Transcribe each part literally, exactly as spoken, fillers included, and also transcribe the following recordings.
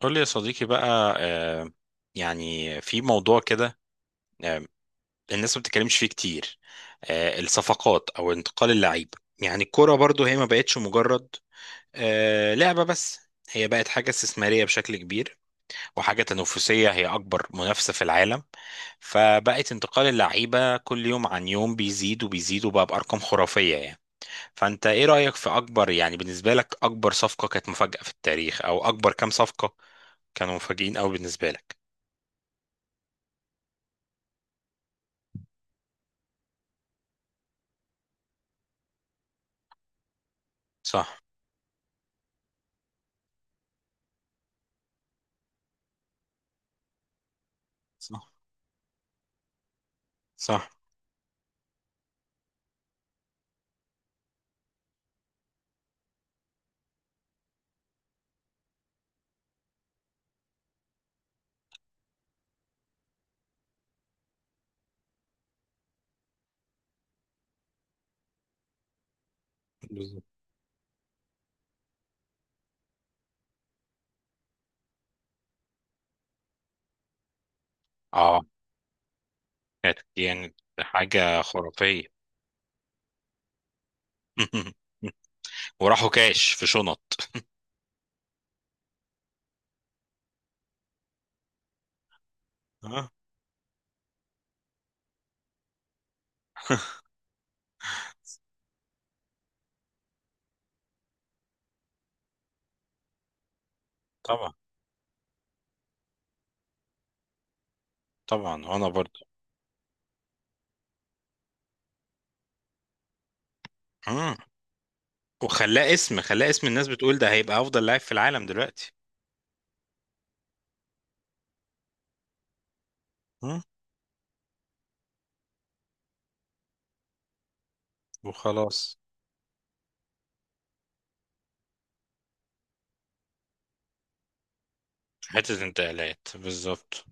قول لي يا صديقي بقى، آه، يعني في موضوع كده. آه، الناس ما بتتكلمش فيه كتير. آه، الصفقات او انتقال اللعيبه، يعني الكوره برضو هي ما بقتش مجرد آه، لعبه بس، هي بقت حاجه استثماريه بشكل كبير، وحاجه تنافسيه، هي اكبر منافسه في العالم. فبقت انتقال اللعيبه كل يوم عن يوم بيزيد وبيزيد، وبقى بارقام خرافيه يعني. فانت ايه رايك في اكبر، يعني بالنسبه لك اكبر صفقه كانت مفاجاه في التاريخ، او اكبر كام صفقه كانوا مفاجئين قوي بالنسبه لك؟ صح. صح. صح. بالظبط. اه كانت يعني حاجة خرافية. وراحوا كاش في شنط. اه طبعا. طبعا وانا برضه. مم. وخلاه اسم، خلاه اسم الناس بتقول ده هيبقى افضل لاعب في العالم دلوقتي. مم. وخلاص. حتة انتقالات بالظبط.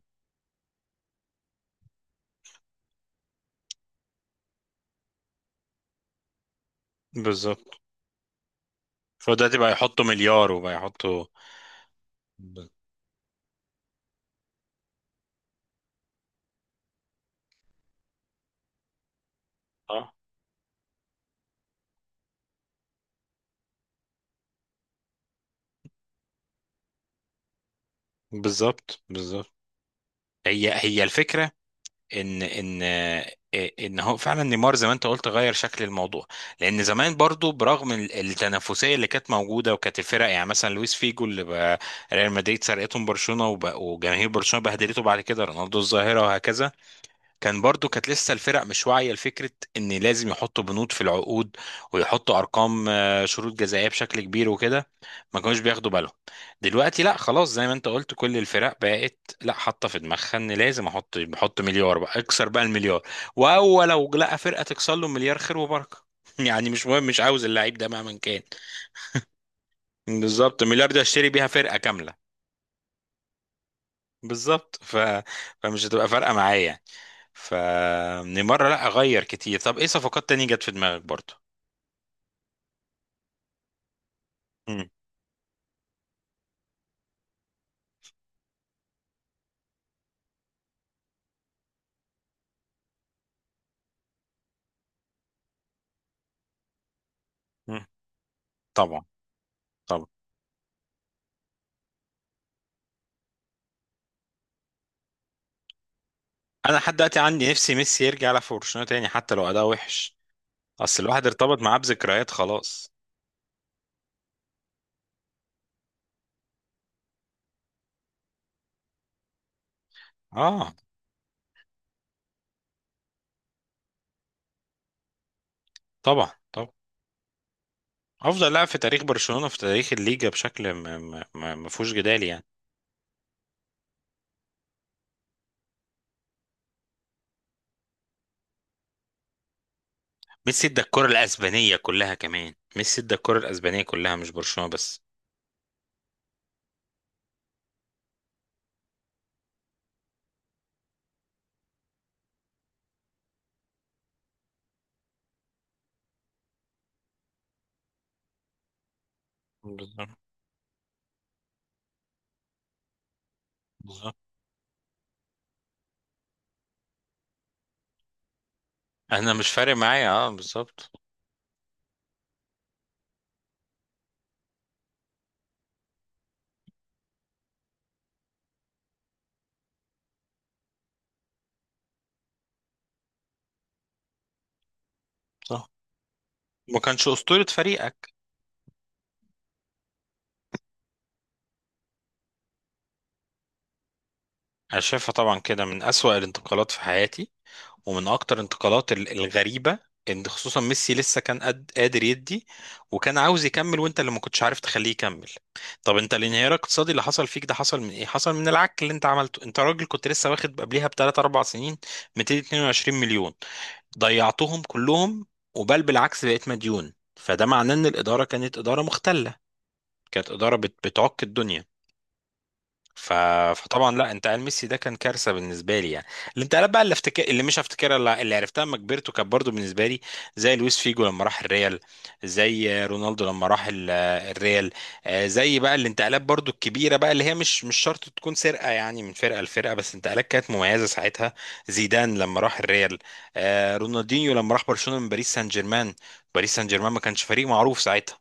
بالظبط. فدلوقتي بقى يحطوا مليار وبقى يحطوا. ب- اه بالظبط، بالظبط. هي هي الفكرة، ان ان ان هو فعلا نيمار زي ما انت قلت غير شكل الموضوع. لان زمان برضو برغم ال- التنافسيه اللي كانت موجوده، وكانت الفرق، يعني مثلا لويس فيجو اللي بقى ريال مدريد سرقتهم برشلونه، وبقى- وجماهير برشلونه بهدلته بعد كده، رونالدو الظاهره، وهكذا. كان برضو كانت لسه الفرق مش واعية لفكرة ان لازم يحطوا بنود في العقود، ويحطوا ارقام، آه، شروط جزائية بشكل كبير وكده. ما كانوش بياخدوا بالهم. دلوقتي لا خلاص، زي ما انت قلت كل الفرق بقت لا حاطة في دماغها ان لازم احط، بحط مليار، بقى اكسر بقى المليار. واول لو لقى فرقة تكسر له مليار، خير وبركة. يعني مش مهم، مش عاوز اللعيب ده مهما كان. بالظبط، مليار ده اشتري بيها فرقة كاملة. بالظبط. ف... فمش هتبقى فارقه معايا يعني. فمن مره لا اغير كتير. طب ايه صفقات تانية جت في دماغك برضو؟ مم. مم. طبعا. طبعا. انا لحد دلوقتي عندي نفسي ميسي يرجع يلعب في برشلونه تاني حتى لو اداء وحش، اصل الواحد ارتبط معاه بذكريات خلاص. اه طبعا، طبعا. افضل لاعب في تاريخ برشلونه، في تاريخ الليجا بشكل ما ما ما ما فيهوش جدال يعني. ميسي ادى الكره الاسبانيه كلها، كمان ميسي ادى الكره الاسبانيه كلها، مش برشلونه بس. بالظبط. بالظبط. انا مش فارق معايا، اه بالظبط. ما كانش أسطورة فريقك. أنا شايفها طبعا كده من أسوأ الانتقالات في حياتي، ومن أكتر الانتقالات ال- الغريبة. إن خصوصا ميسي لسه كان قد قادر يدي، وكان عاوز يكمل، وأنت اللي ما كنتش عارف تخليه يكمل. طب أنت الانهيار الاقتصادي اللي حصل فيك ده حصل من إيه؟ حصل من العك اللي أنت عملته. أنت راجل كنت لسه واخد قبليها بثلاث أربع سنين ميتين واتنين وعشرين مليون، ضيعتهم كلهم، وبل بالعكس بقيت مديون. فده معناه إن الإدارة كانت إدارة مختلة، كانت إدارة بت- بتعك الدنيا. ف... فطبعا لا، انتقال ميسي ده كان كارثه بالنسبه لي يعني. الانتقالات بقى اللي افتكر، اللي مش هفتكرها، اللي اللي عرفتها لما كبرت وكانت برضه بالنسبه لي زي لويس فيجو لما راح الريال، زي رونالدو لما راح ال- الريال. آه، زي بقى الانتقالات برضه الكبيره بقى اللي هي مش مش شرط تكون سرقه يعني من فرقه لفرقه، بس انتقالات كانت مميزه ساعتها، زيدان لما راح الريال، آه، رونالدينيو لما راح برشلونه من باريس سان جيرمان. باريس سان جيرمان ما كانش فريق معروف ساعتها.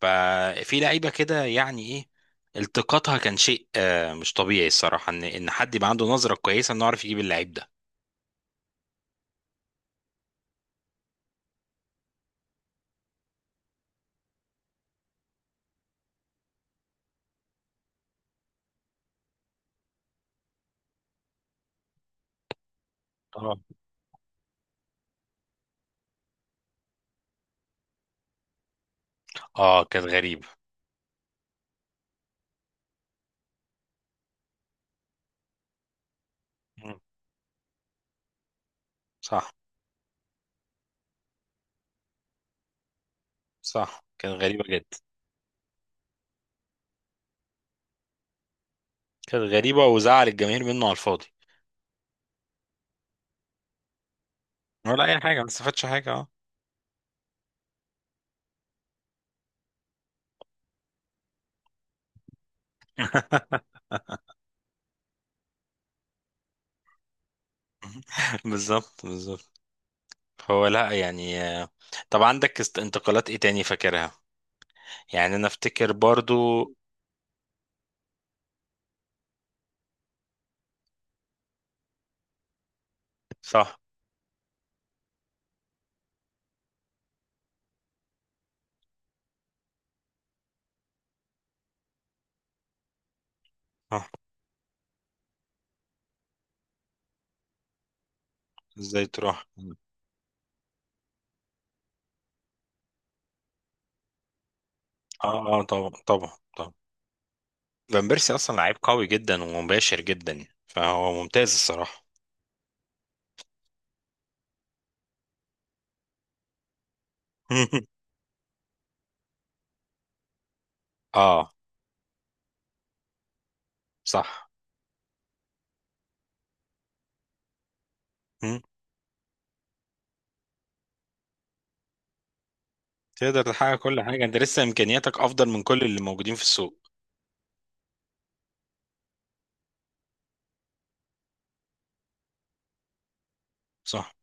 ففي لعيبه كده، يعني ايه التقاطها، كان شيء آه، مش طبيعي الصراحه، ان ان حد يبقى عنده نظره كويسه انه يعرف يجيب اللعيب ده. اه. اه كانت غريبه. مم. صح. صح كانت غريبه جدا. كانت غريبه وزعل الجماهير منه على الفاضي. ولا اي حاجه، ما استفادش حاجه، اه. بالظبط، بالظبط. هو لا يعني، آه، طب عندك است- انتقالات ايه تاني فاكرها؟ يعني انا افتكر برضو. صح. صح. ازاي تروح. اه. اه طبعا، طبعا. طبعا. فان بيرسي اصلا لعيب قوي جدا ومباشر جدا يعني، فهو ممتاز الصراحه. اه. صح. مم. تقدر تحقق كل حاجه، انت لسه امكانياتك افضل من كل اللي موجودين في السوق. صح.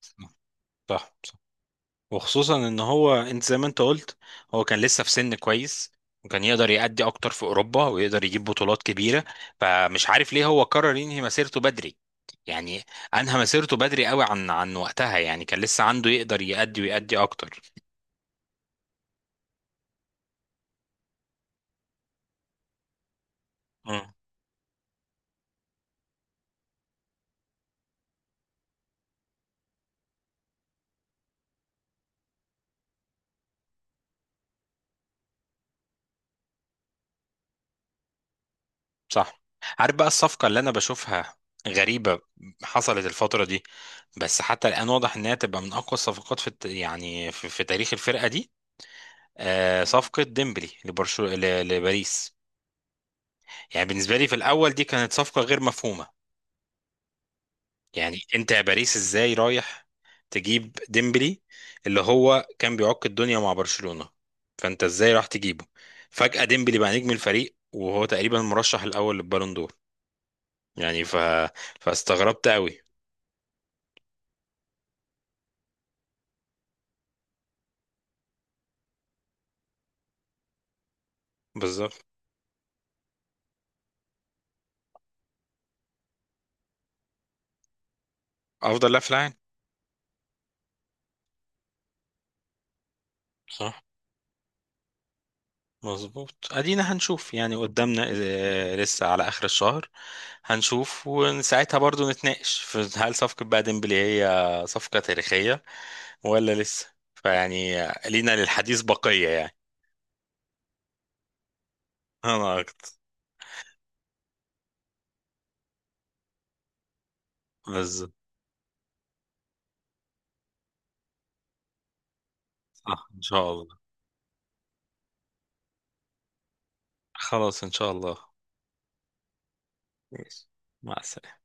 صح. صح، صح. وخصوصا ان هو انت زي ما انت قلت، هو كان لسه في سن كويس، وكان يقدر يأدي اكتر في اوروبا ويقدر يجيب بطولات كبيره. فمش عارف ليه هو قرر ينهي مسيرته بدري يعني. انهى مسيرته بدري قوي عن عن وقتها يعني. كان لسه عنده، يقدر يأدي ويأدي اكتر. صح. عارف بقى الصفقة اللي أنا بشوفها غريبة حصلت الفترة دي؟ بس حتى الآن واضح إنها تبقى من أقوى الصفقات في الت- يعني في, في تاريخ الفرقة دي. آه صفقة ديمبلي لبرشو ل- لباريس. يعني بالنسبة لي في الأول دي كانت صفقة غير مفهومة. يعني أنت يا باريس إزاي رايح تجيب ديمبلي، اللي هو كان بيعك الدنيا مع برشلونة، فأنت إزاي راح تجيبه؟ فجأة ديمبلي بقى نجم الفريق، وهو تقريبا المرشح الأول للبالون دور يعني. ف... فاستغربت قوي. بالظبط. افضل لاعب في العالم. صح. مظبوط، ادينا هنشوف يعني قدامنا، آه، لسه على اخر الشهر هنشوف، وساعتها برضو نتناقش في هل صفقة بقى ديمبلي هي صفقة تاريخية، ولا لسه فيعني لينا للحديث بقية يعني. انا اكتر. بالظبط. صح ان شاء الله. خلاص ان شاء الله. ماشي مع السلامة.